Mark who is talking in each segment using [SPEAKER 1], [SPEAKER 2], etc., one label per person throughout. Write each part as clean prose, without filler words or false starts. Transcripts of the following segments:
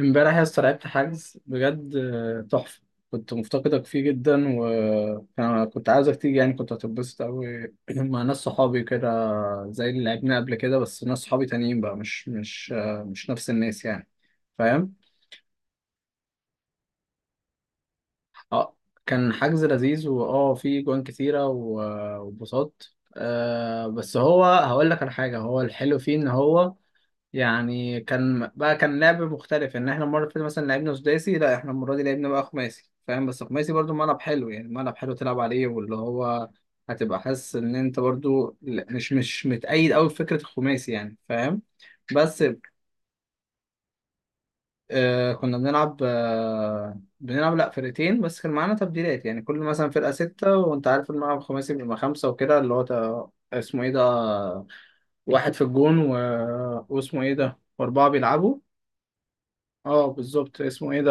[SPEAKER 1] امبارح يا اسطى لعبت حجز بجد، آه، تحفة. كنت مفتقدك فيه جدا، وكنت عاوزك تيجي، يعني كنت هتتبسط أوي مع ناس صحابي كده، زي اللي لعبنا قبل كده، بس ناس صحابي تانيين بقى، مش آه، مش نفس الناس يعني. فاهم؟ اه. كان حجز لذيذ، واه في جوان كتيرة وانبسطت. آه، بس هو هقول لك على حاجة، هو الحلو فيه إن هو يعني، كان بقى كان لعب مختلف. ان احنا المره اللي فاتت مثلا لعبنا سداسي، لا احنا المره دي لعبنا بقى خماسي، فاهم؟ بس خماسي برضو ملعب حلو يعني، ملعب حلو تلعب عليه، واللي هو هتبقى حاسس ان انت برضو مش متأيد قوي بفكره الخماسي يعني، فاهم؟ بس آه كنا بنلعب، آه بنلعب لا فرقتين، بس كان معانا تبديلات، يعني كل مثلا فرقه سته. وانت عارف الملعب الخماسي بيبقى خمسه وكده، اللي هو اسمه ايه ده، واحد في الجون و... واسمه ايه ده، واربعه بيلعبوا. اه بالظبط، اسمه ايه ده.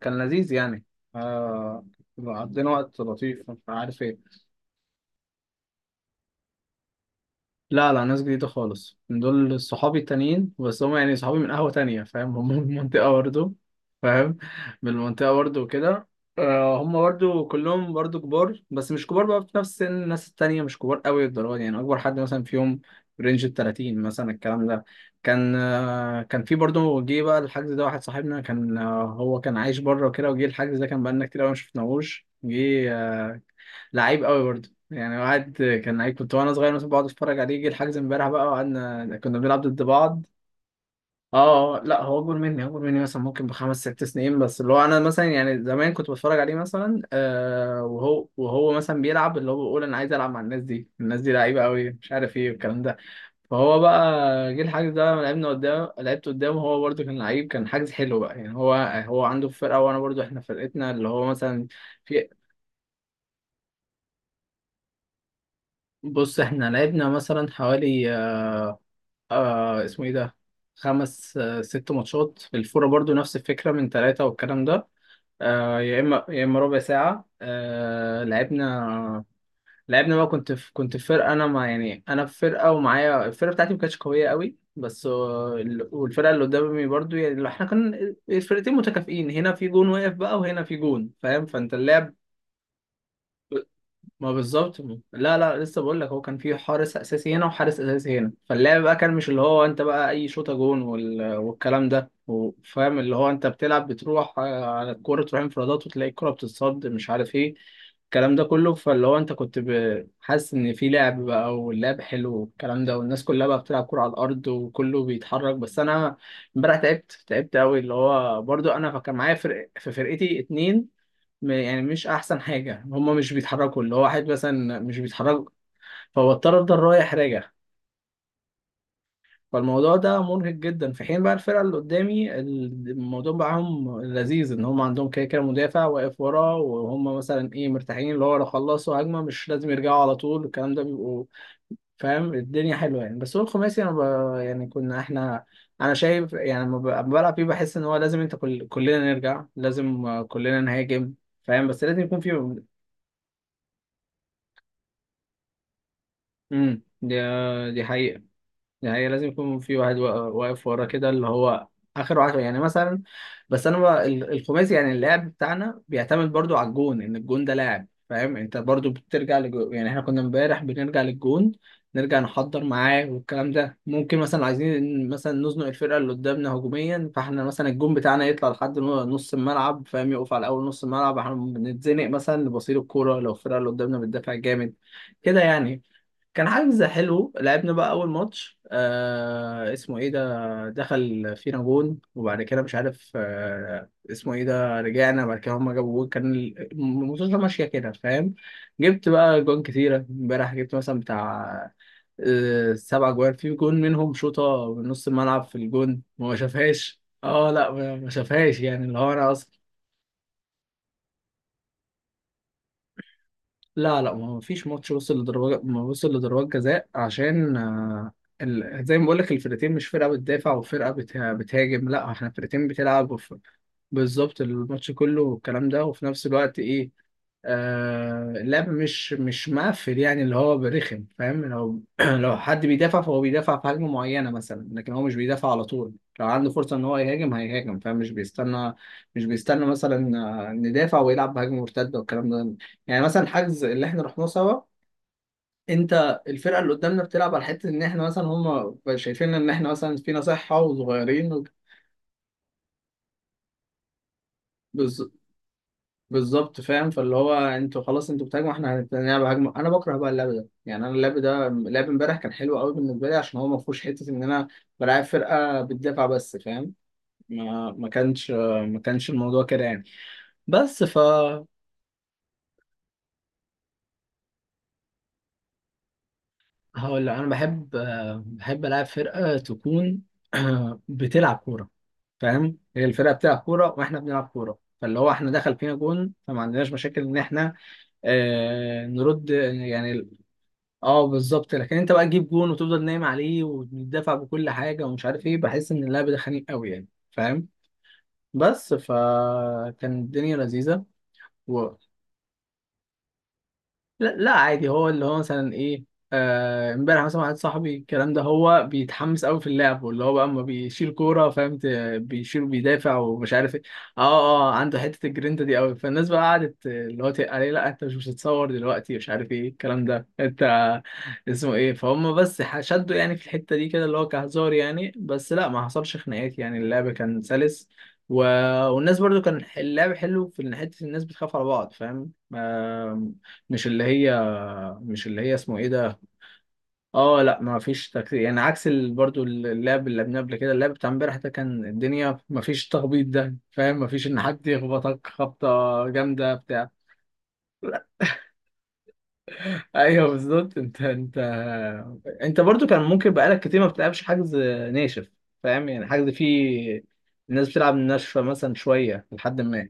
[SPEAKER 1] كان لذيذ يعني. آه، عدينا وقت لطيف مش عارف ايه. لا لا، ناس جديدة خالص، من دول صحابي التانيين، بس هم يعني صحابي من قهوة تانية، فاهم؟ هم من المنطقة برضه. فاهم؟ من المنطقة برضه وكده. آه، هم برضه كلهم برضه كبار، بس مش كبار بقى، في نفس سن الناس التانية، مش كبار قوي للدرجة دي. يعني أكبر حد مثلا فيهم رينج ال 30 مثلا الكلام ده. كان آه، كان في برضه جه بقى الحجز ده واحد صاحبنا، كان آه، هو كان عايش بره وكده، وجه الحجز ده كان بقالنا كتير قوي ما شفناهوش جه. لعيب قوي برضه يعني، واحد كان لعيب كنت وانا صغير مثلا بقعد اتفرج عليه، يجي الحجز امبارح بقى وقعدنا كنا بنلعب ضد بعض. اه آه، لا هو اكبر مني، اكبر مني مثلا ممكن بخمس ست سنين. بس اللي هو انا مثلا يعني زمان كنت بتفرج عليه مثلا، آه وهو مثلا بيلعب، اللي هو بيقول انا عايز العب مع الناس دي، الناس دي لعيبه قوي مش عارف ايه والكلام ده. فهو بقى جه الحجز ده لما لعبنا قدام، لعبت قدامه، هو برضه كان لعيب، كان حجز حلو بقى يعني. هو هو عنده فرقه، وانا برضه احنا فرقتنا اللي هو مثلا في. بص احنا لعبنا مثلا حوالي آه اسمه ايه ده، خمس آه ست ماتشات. الفورة برضو نفس الفكرة من ثلاثة والكلام ده. آه يا اما ربع ساعة آه لعبنا. لعبنا بقى، كنت في فرقة، انا مع يعني انا في فرقة، ومعايا الفرقة بتاعتي ما كانتش قوية قوي، بس آه، والفرقة اللي قدامي برضو، يعني لو احنا كان الفرقتين متكافئين، هنا في جون واقف بقى وهنا في جون، فاهم؟ فانت اللعب ما بالظبط. لا لا، لسه بقول لك، هو كان في حارس اساسي هنا وحارس اساسي هنا. فاللعب بقى كان مش اللي هو انت بقى اي شوطه جون وال... والكلام ده، وفاهم اللي هو انت بتلعب، بتروح آه، على الكوره، تروح انفرادات وتلاقي الكوره بتتصد، مش عارف ايه الكلام ده كله. فاللي هو انت كنت حاسس ان في لعب بقى، واللعب حلو والكلام ده، والناس كلها بقى بتلعب كوره على الارض، وكله بيتحرك. بس انا امبارح تعبت، تعبت قوي، اللي هو برضو انا كان معايا فرق في فرقتي اتنين، يعني مش احسن حاجه، هما مش بيتحركوا، اللي هو واحد مثلا مش بيتحرك، فهو اضطر افضل رايح راجع. فالموضوع ده مرهق جدا. في حين بقى الفرقه اللي قدامي الموضوع معاهم لذيذ، ان هم عندهم كده كده مدافع واقف ورا، وهم مثلا ايه مرتاحين، اللي هو لو خلصوا هجمه مش لازم يرجعوا على طول الكلام ده بيبقوا. فاهم الدنيا حلوه يعني. بس هو الخماسي انا ب... يعني كنا احنا، انا شايف يعني لما لما بلعب فيه بحس ان هو لازم انت كل... كلنا نرجع، لازم آه، كلنا نهاجم، فاهم؟ بس لازم يكون في. دي دي حقيقة. دي حقيقة، لازم يكون في واحد واقف ورا كده، اللي هو آخر واحد يعني مثلا. بس أنا بقى الخماسي يعني اللعب بتاعنا بيعتمد برضو على الجون، إن الجون ده لاعب، فاهم؟ أنت برضو بترجع للجون، يعني إحنا كنا امبارح بنرجع للجون، نرجع نحضر معاه والكلام ده. ممكن مثلا عايزين مثلا نزنق الفرقة اللي قدامنا هجوميا، فإحنا مثلا الجون بتاعنا يطلع لحد نص الملعب، فاهم؟ يقف على أول نص الملعب، إحنا بنتزنق مثلا لبصير الكورة لو الفرقة اللي قدامنا بتدافع جامد كده يعني. كان حجز حلو. لعبنا بقى اول ماتش آه اسمه ايه ده، دخل فينا جون، وبعد كده مش عارف آه اسمه ايه ده، رجعنا بعد كده هما جابوا جون. كان الماتش ماشيه كده، فاهم؟ جبت بقى جون كتيره امبارح، جبت مثلا بتاع آه سبع جوان، في جون منهم شوطه من نص الملعب في الجون وما شافهاش. اه لا ما ما شافهاش، يعني اللي هو انا اصلا. لا لا، ما فيش ماتش وصل لضربات، ما وصل لضربات جزاء، عشان آه، ال... زي ما بقول لك، الفرقتين مش فرقة بتدافع وفرقة بت... بتهاجم، لا احنا فرقتين بتلعب. بالظبط، الماتش كله، والكلام ده. وفي نفس الوقت ايه آه اللعب مش مقفل يعني، اللي هو برخم، فاهم؟ لو لو حد بيدافع، فهو بيدافع في هجمة معينة مثلا، لكن هو مش بيدافع على طول. لو عنده فرصة ان هو يهاجم هيهاجم، فاهم؟ مش بيستنى، مش بيستنى مثلا آه، ندافع ويلعب بهجمة مرتدة والكلام ده. يعني مثلا الحجز اللي احنا رحناه سوا، انت الفرقة اللي قدامنا بتلعب على حتة ان احنا مثلا، هم شايفين ان احنا مثلا فينا صحة وصغيرين. بالظبط فاهم. فاللي هو انتوا خلاص انتوا بتهاجموا، احنا هنلعب هجمه. انا بكره بقى اللعب ده، يعني انا اللعب ده لعب امبارح كان حلو قوي بالنسبه لي، عشان هو ما فيهوش حته ان انا بلعب فرقه بتدافع بس، فاهم؟ ما كانش ما كانش الموضوع كده يعني. بس ف هقول لك، انا بحب، بحب العب فرقه تكون بتلعب كوره. فاهم؟ هي الفرقه بتلعب كوره واحنا بنلعب كوره، فاللي هو احنا دخل فينا جون فما عندناش مشاكل ان احنا آه، نرد يعني. اه بالظبط. لكن انت بقى تجيب جون وتفضل نايم عليه وتدافع بكل حاجه ومش عارف ايه، بحس ان اللعب ده خنيق قوي يعني، فاهم؟ بس فكان الدنيا لذيذه. لا، لا عادي. هو اللي هو مثلا ايه آه، امبارح مثلا واحد صاحبي الكلام ده، هو بيتحمس قوي في اللعب، واللي هو بقى اما بيشيل كوره، فاهم؟ بيشيل، بيدافع ومش عارف ايه. اه، اه. عنده حته الجرينتا دي قوي. فالناس بقى قعدت اللي هو تقل عليه، لا انت مش بتتصور دلوقتي مش عارف ايه الكلام ده انت اسمه ايه، فهم. بس شدوا يعني في الحته دي كده، اللي هو كهزار يعني. بس لا ما حصلش خناقات، يعني اللعب كان سلس. و... والناس برضو كان اللعب حلو في إن حته الناس بتخاف على بعض، فاهم؟ مش اللي هي، مش اللي هي اسمه ايه ده. اه لا ما فيش تكتيك يعني عكس ال... برضو اللعب اللي لعبناه قبل كده، اللعب بتاع امبارح ده كان الدنيا ما فيش تخبيط ده، فاهم؟ ما فيش ان حد يخبطك خبطة جامدة بتاع. ايوه بالظبط، انت انت برضو كان ممكن بقالك كتير ما بتلعبش حجز ناشف، فاهم؟ يعني حجز فيه الناس بتلعب ناشفة مثلا شوية لحد ما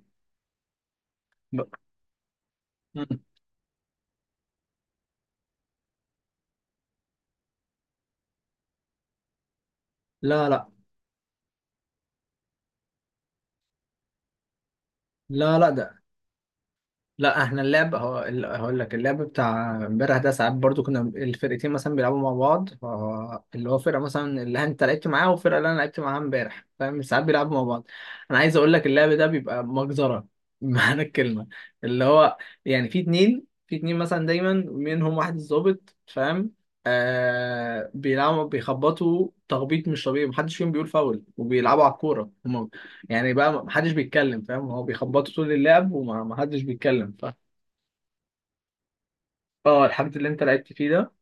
[SPEAKER 1] ب- مم. لا لا. لا، لا احنا اللعب هو هقول لك اللعب بتاع امبارح ده ساعات برضو كنا الفرقتين مثلا بيلعبوا مع بعض، فهو اللي هو فرقه مثلا اللي انت لعبت معاها والفرقه اللي انا لعبت معاها امبارح، فاهم؟ ساعات بيلعبوا مع بعض. انا عايز اقول لك اللعب ده بيبقى مجزره بمعنى الكلمه، اللي هو يعني في اتنين مثلا دايما منهم واحد الظابط، فاهم؟ آه بيلعبوا، بيخبطوا تخبيط مش طبيعي، محدش فيهم بيقول فاول وبيلعبوا على الكوره هما. يعني بقى محدش بيتكلم، فاهم؟ هو بيخبطوا طول اللعب ومحدش بيتكلم، فاهم؟ اه الحاجات اللي انت لعبت فيه ده.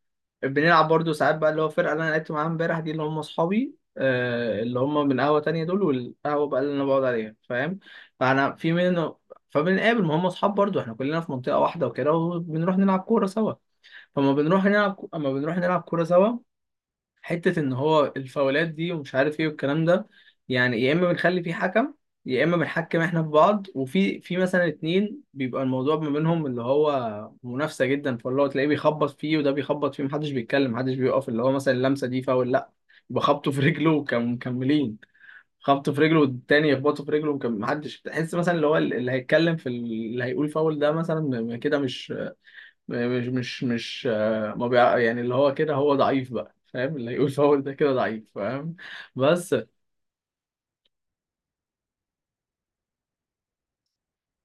[SPEAKER 1] بنلعب برضو ساعات بقى اللي هو الفرقه اللي انا لعبت معاها امبارح دي، اللي هم اصحابي آه، اللي هم من قهوه تانية دول والقهوه بقى اللي انا بقعد عليها، فاهم؟ فانا في منه. فبنقابل، ما هم اصحاب برضو، احنا كلنا في منطقه واحده وكده، وبنروح نلعب كوره سوا. فما بنروح نلعب، اما بنروح نلعب كوره سوا، حتة إن هو الفاولات دي ومش عارف إيه والكلام ده، يعني يا إما بنخلي في حكم، يا إما بنحكم إحنا في بعض. وفي مثلا اتنين بيبقى الموضوع ما بينهم اللي هو منافسة جدا، فاللي هو تلاقيه بيخبط فيه وده بيخبط فيه، محدش بيتكلم، محدش بيقف اللي هو مثلا اللمسة دي فاول، لأ. يبقى خبطه في رجله وكانوا مكملين، خبطه في رجله والتاني يخبطه في رجله، وكان محدش تحس مثلا اللي هو اللي هيتكلم في اللي هيقول فاول ده مثلا كده مش آه، ما بيع... يعني اللي هو كده هو ضعيف بقى، فاهم؟ اللي يقول فاول ده كده ضعيف، فاهم؟ بس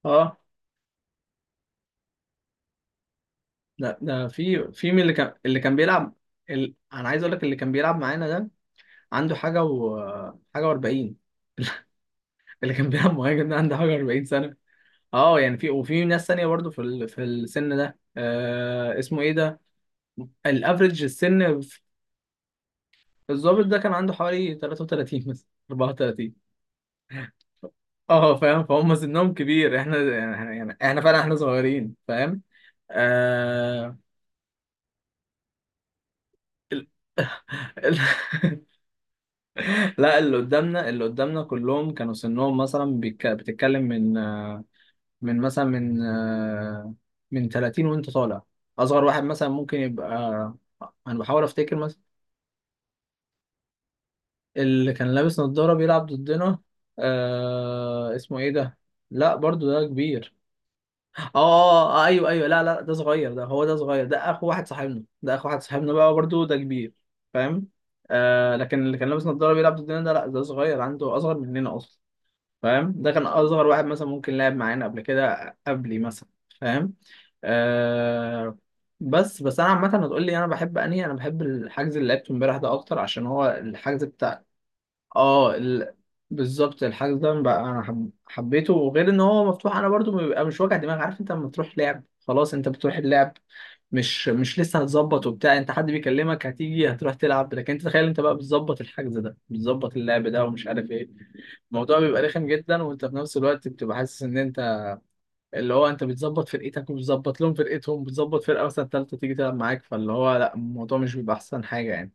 [SPEAKER 1] اه، لا ده في في من اللي كان، اللي كان بيلعب. ال... انا عايز اقول لك اللي كان بيلعب معانا ده عنده حاجه و، حاجه و40. اللي كان بيلعب مهاجم ده عنده حاجه و40 سنه. اه يعني في وفي ناس ثانيه برضو في ال... في السن ده آه اسمه ايه ده، الافريج السن في. الضابط ده كان عنده حوالي 33 مثلا 34. اه فاهم، فهم سنهم كبير احنا يعني، يعني احنا فعلا احنا صغيرين، فاهم؟ آه... ال- لا اللي قدامنا، اللي قدامنا كلهم كانوا سنهم مثلا، بيك... بتتكلم من آه، من مثلا من آه، من 30 وانت طالع. اصغر واحد مثلا ممكن يبقى آه، انا بحاول افتكر مثلا. اللي كان لابس نظارة بيلعب ضدنا آه... اسمه ايه ده، لا برضو ده كبير. اه آه، ايوه ايوه لا لا ده صغير، ده هو ده صغير، ده اخو واحد صاحبنا، ده اخو واحد صاحبنا بقى برضو ده كبير، فاهم؟ آه لكن اللي كان لابس نضاره بيلعب ضدنا ده، لا ده صغير، عنده اصغر مننا اصلا، فاهم؟ ده كان اصغر واحد مثلا ممكن لعب معانا قبل كده قبلي مثلا، فاهم؟ آه. بس بس انا عامه هتقول لي انا بحب انهي، انا بحب الحجز اللي لعبته امبارح ده اكتر، عشان هو الحجز بتاع اه ال... بالظبط. الحجز ده بقى انا حب... حبيته. وغير ان هو مفتوح، انا برضو بيبقى مش وجع دماغ. عارف انت لما تروح لعب خلاص انت بتروح اللعب، مش لسه هتظبط وبتاع، انت حد بيكلمك هتيجي هتروح تلعب. لكن انت تخيل انت بقى بتظبط الحجز ده، بتظبط اللعب ده، ومش عارف ايه، الموضوع بيبقى رخم جدا. وانت في نفس الوقت بتبقى حاسس ان انت اللي هو انت بتظبط فرقتك وبتظبط لهم فرقتهم، بتظبط فرقه مثلا ثالثه تيجي تلعب معاك، فاللي هو لا الموضوع مش بيبقى احسن حاجه يعني.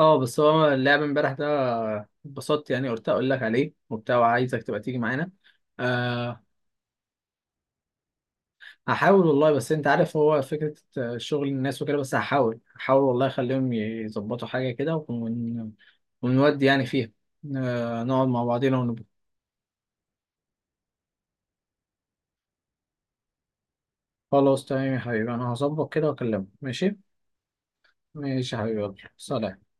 [SPEAKER 1] اه بس هو اللعب امبارح ده، اتبسطت يعني، قلت اقول لك عليه وبتاع، وعايزك تبقى تيجي معانا. أه هحاول والله، بس انت عارف هو فكرة آه، شغل الناس وكده. بس هحاول والله، اخليهم يظبطوا حاجة كده، ون... ونودي يعني فيها. أه نقعد مع بعضينا ونبقى. خلاص تمام يا حبيبي، انا هظبط كده واكلمك، ماشي. ماشي يا حبيبي، يلا سلام.